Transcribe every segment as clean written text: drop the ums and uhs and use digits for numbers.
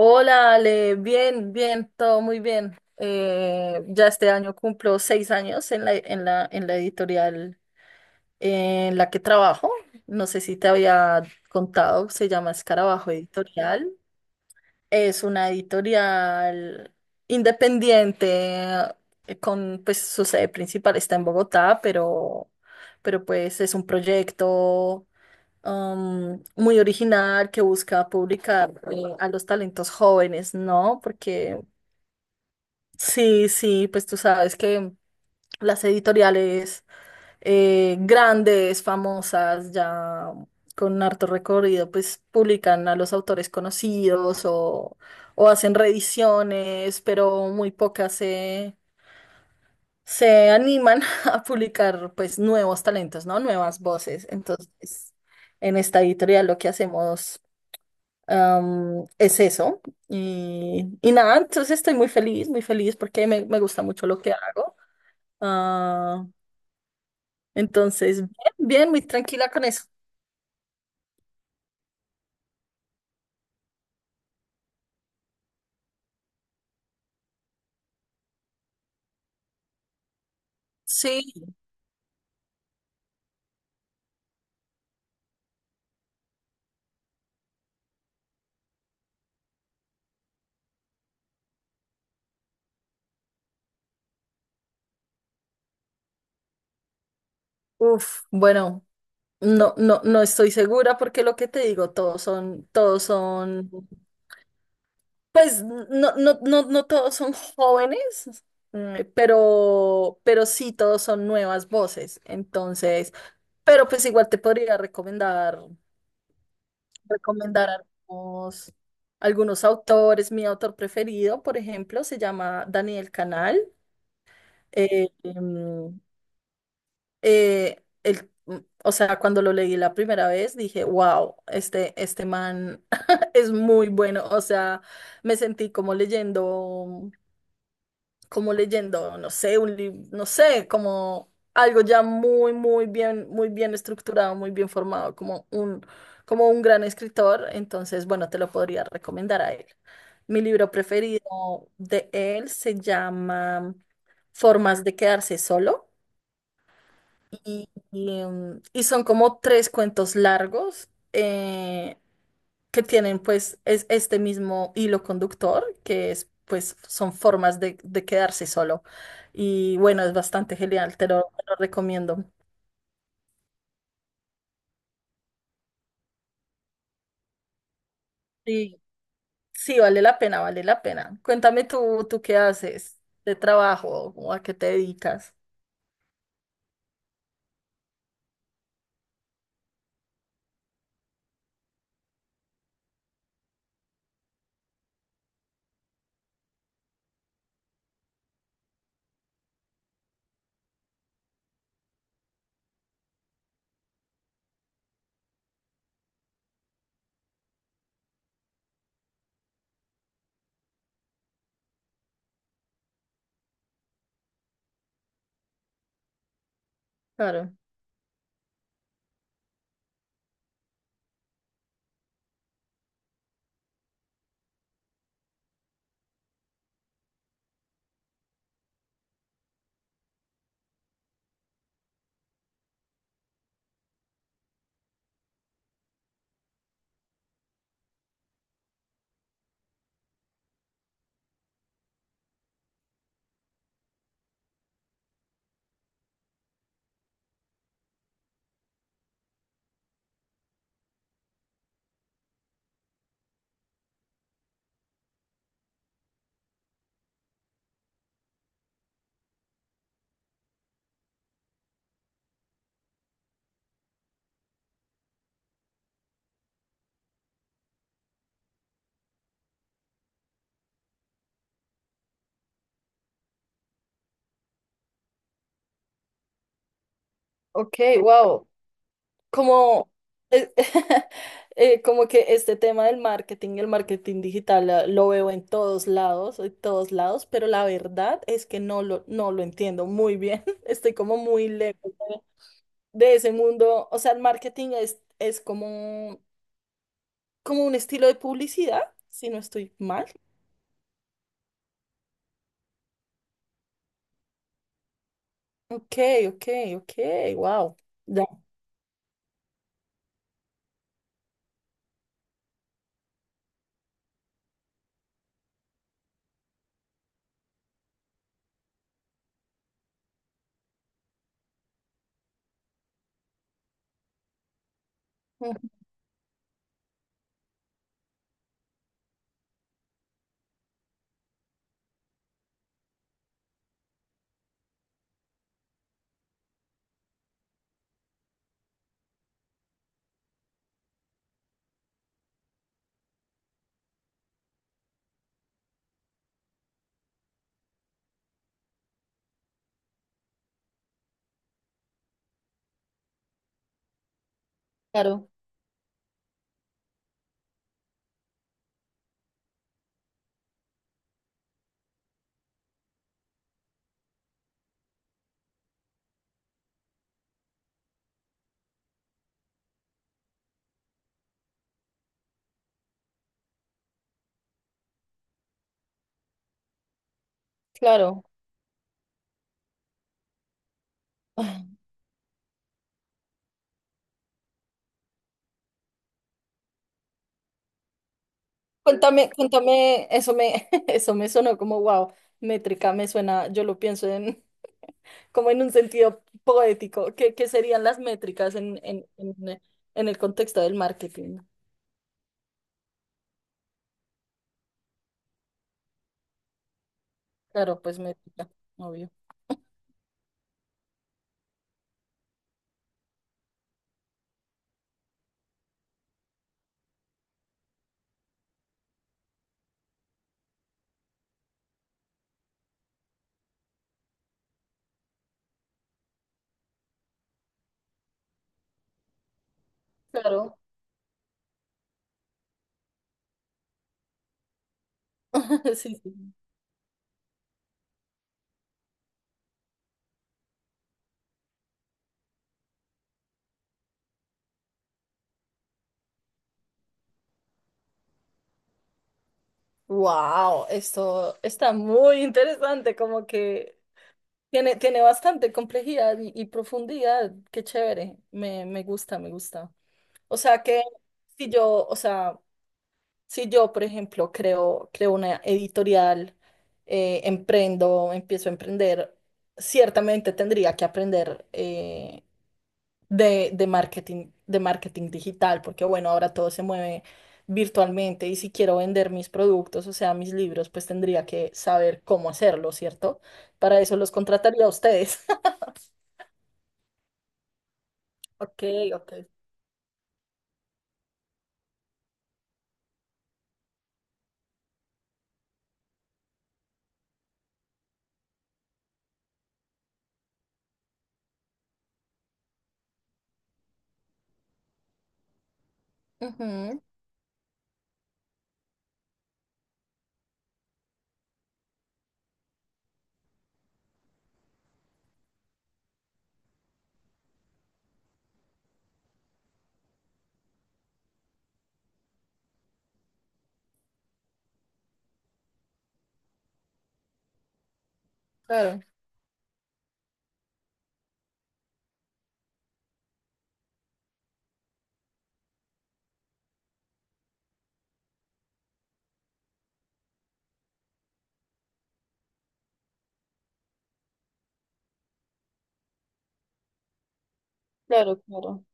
Hola, Ale, bien, bien, todo muy bien. Ya este año cumplo seis años en la editorial en la que trabajo. No sé si te había contado. Se llama Escarabajo Editorial. Es una editorial independiente, con, pues su sede principal está en Bogotá, pero pues es un proyecto muy original que busca publicar a los talentos jóvenes, ¿no? Porque sí, sí, pues tú sabes que las editoriales grandes, famosas, ya con harto recorrido, pues publican a los autores conocidos o hacen reediciones, pero muy pocas se animan a publicar pues nuevos talentos, ¿no? Nuevas voces. Entonces, en esta editorial lo que hacemos es eso. Y nada, entonces estoy muy feliz porque me gusta mucho lo que hago. Ah, entonces, bien, bien, muy tranquila con eso. Sí, uff, bueno, no, no, no estoy segura porque lo que te digo, pues no, no, no, no todos son jóvenes, pero sí todos son nuevas voces. Entonces, pero pues igual te podría recomendar algunos, algunos autores. Mi autor preferido, por ejemplo, se llama Daniel Canal. Eh, em, eh, el- mm, o sea, cuando lo leí la primera vez dije, wow, este man es muy bueno. O sea, me sentí como leyendo, no sé, un libro, no sé, como algo ya muy, muy bien estructurado, muy bien formado, como un gran escritor, entonces, bueno, te lo podría recomendar a él. Mi libro preferido de él se llama Formas de quedarse solo. Y son como tres cuentos largos que tienen pues este mismo hilo conductor, que es pues son formas de quedarse solo. Y bueno, es bastante genial, te lo recomiendo. Sí, sí, vale la pena, vale la pena. Cuéntame tú qué haces de trabajo o a qué te dedicas. Claro. Ok, wow. Como, eh, como que este tema del marketing, y el marketing digital, lo veo en todos lados, pero la verdad es que no lo entiendo muy bien. Estoy como muy lejos de ese mundo. O sea, el marketing es como, como un estilo de publicidad, si no estoy mal. Ok, ok, ok, wow. Ya. Ujú, claro, claro. Cuéntame, cuéntame, eso me, eso me sonó como wow, métrica, me suena, yo lo pienso en como en un sentido poético. ¿Qué serían las métricas en, el contexto del marketing? Claro, pues métrica, obvio. Claro. Sí, sí. Wow, esto está muy interesante, como que tiene bastante complejidad y profundidad. Qué chévere. Me gusta, me gusta. O sea que si yo, o sea. Si yo, por ejemplo, creo una editorial, emprendo, empiezo a emprender, ciertamente tendría que aprender de marketing digital, porque bueno, ahora todo se mueve virtualmente y si quiero vender mis productos, o sea, mis libros, pues tendría que saber cómo hacerlo, ¿cierto? Para eso los contrataría a ustedes. Ok, ok. Ujú, claro, claro, claro.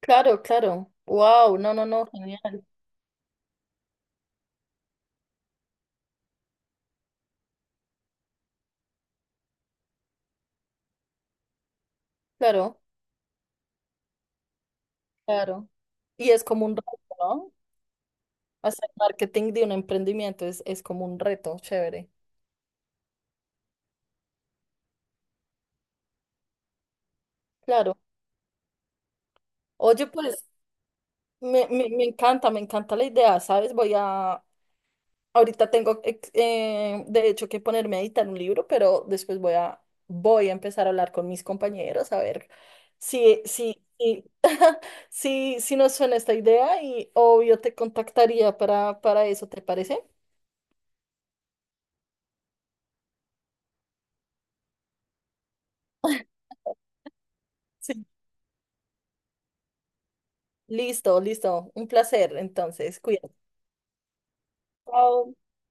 Claro, claro. Wow, no, no, no, genial. Claro. Claro. Y es como un reto, ¿no? Hacer marketing de un emprendimiento es como un reto, chévere. Claro. Oye, pues me encanta la idea, ¿sabes? Ahorita tengo, de hecho, que ponerme a editar un libro, pero después voy a empezar a hablar con mis compañeros a ver si, si, si, si nos suena esta idea y obvio te contactaría para eso, ¿te parece? Sí. Listo, listo. Un placer, entonces, cuídate. Chao.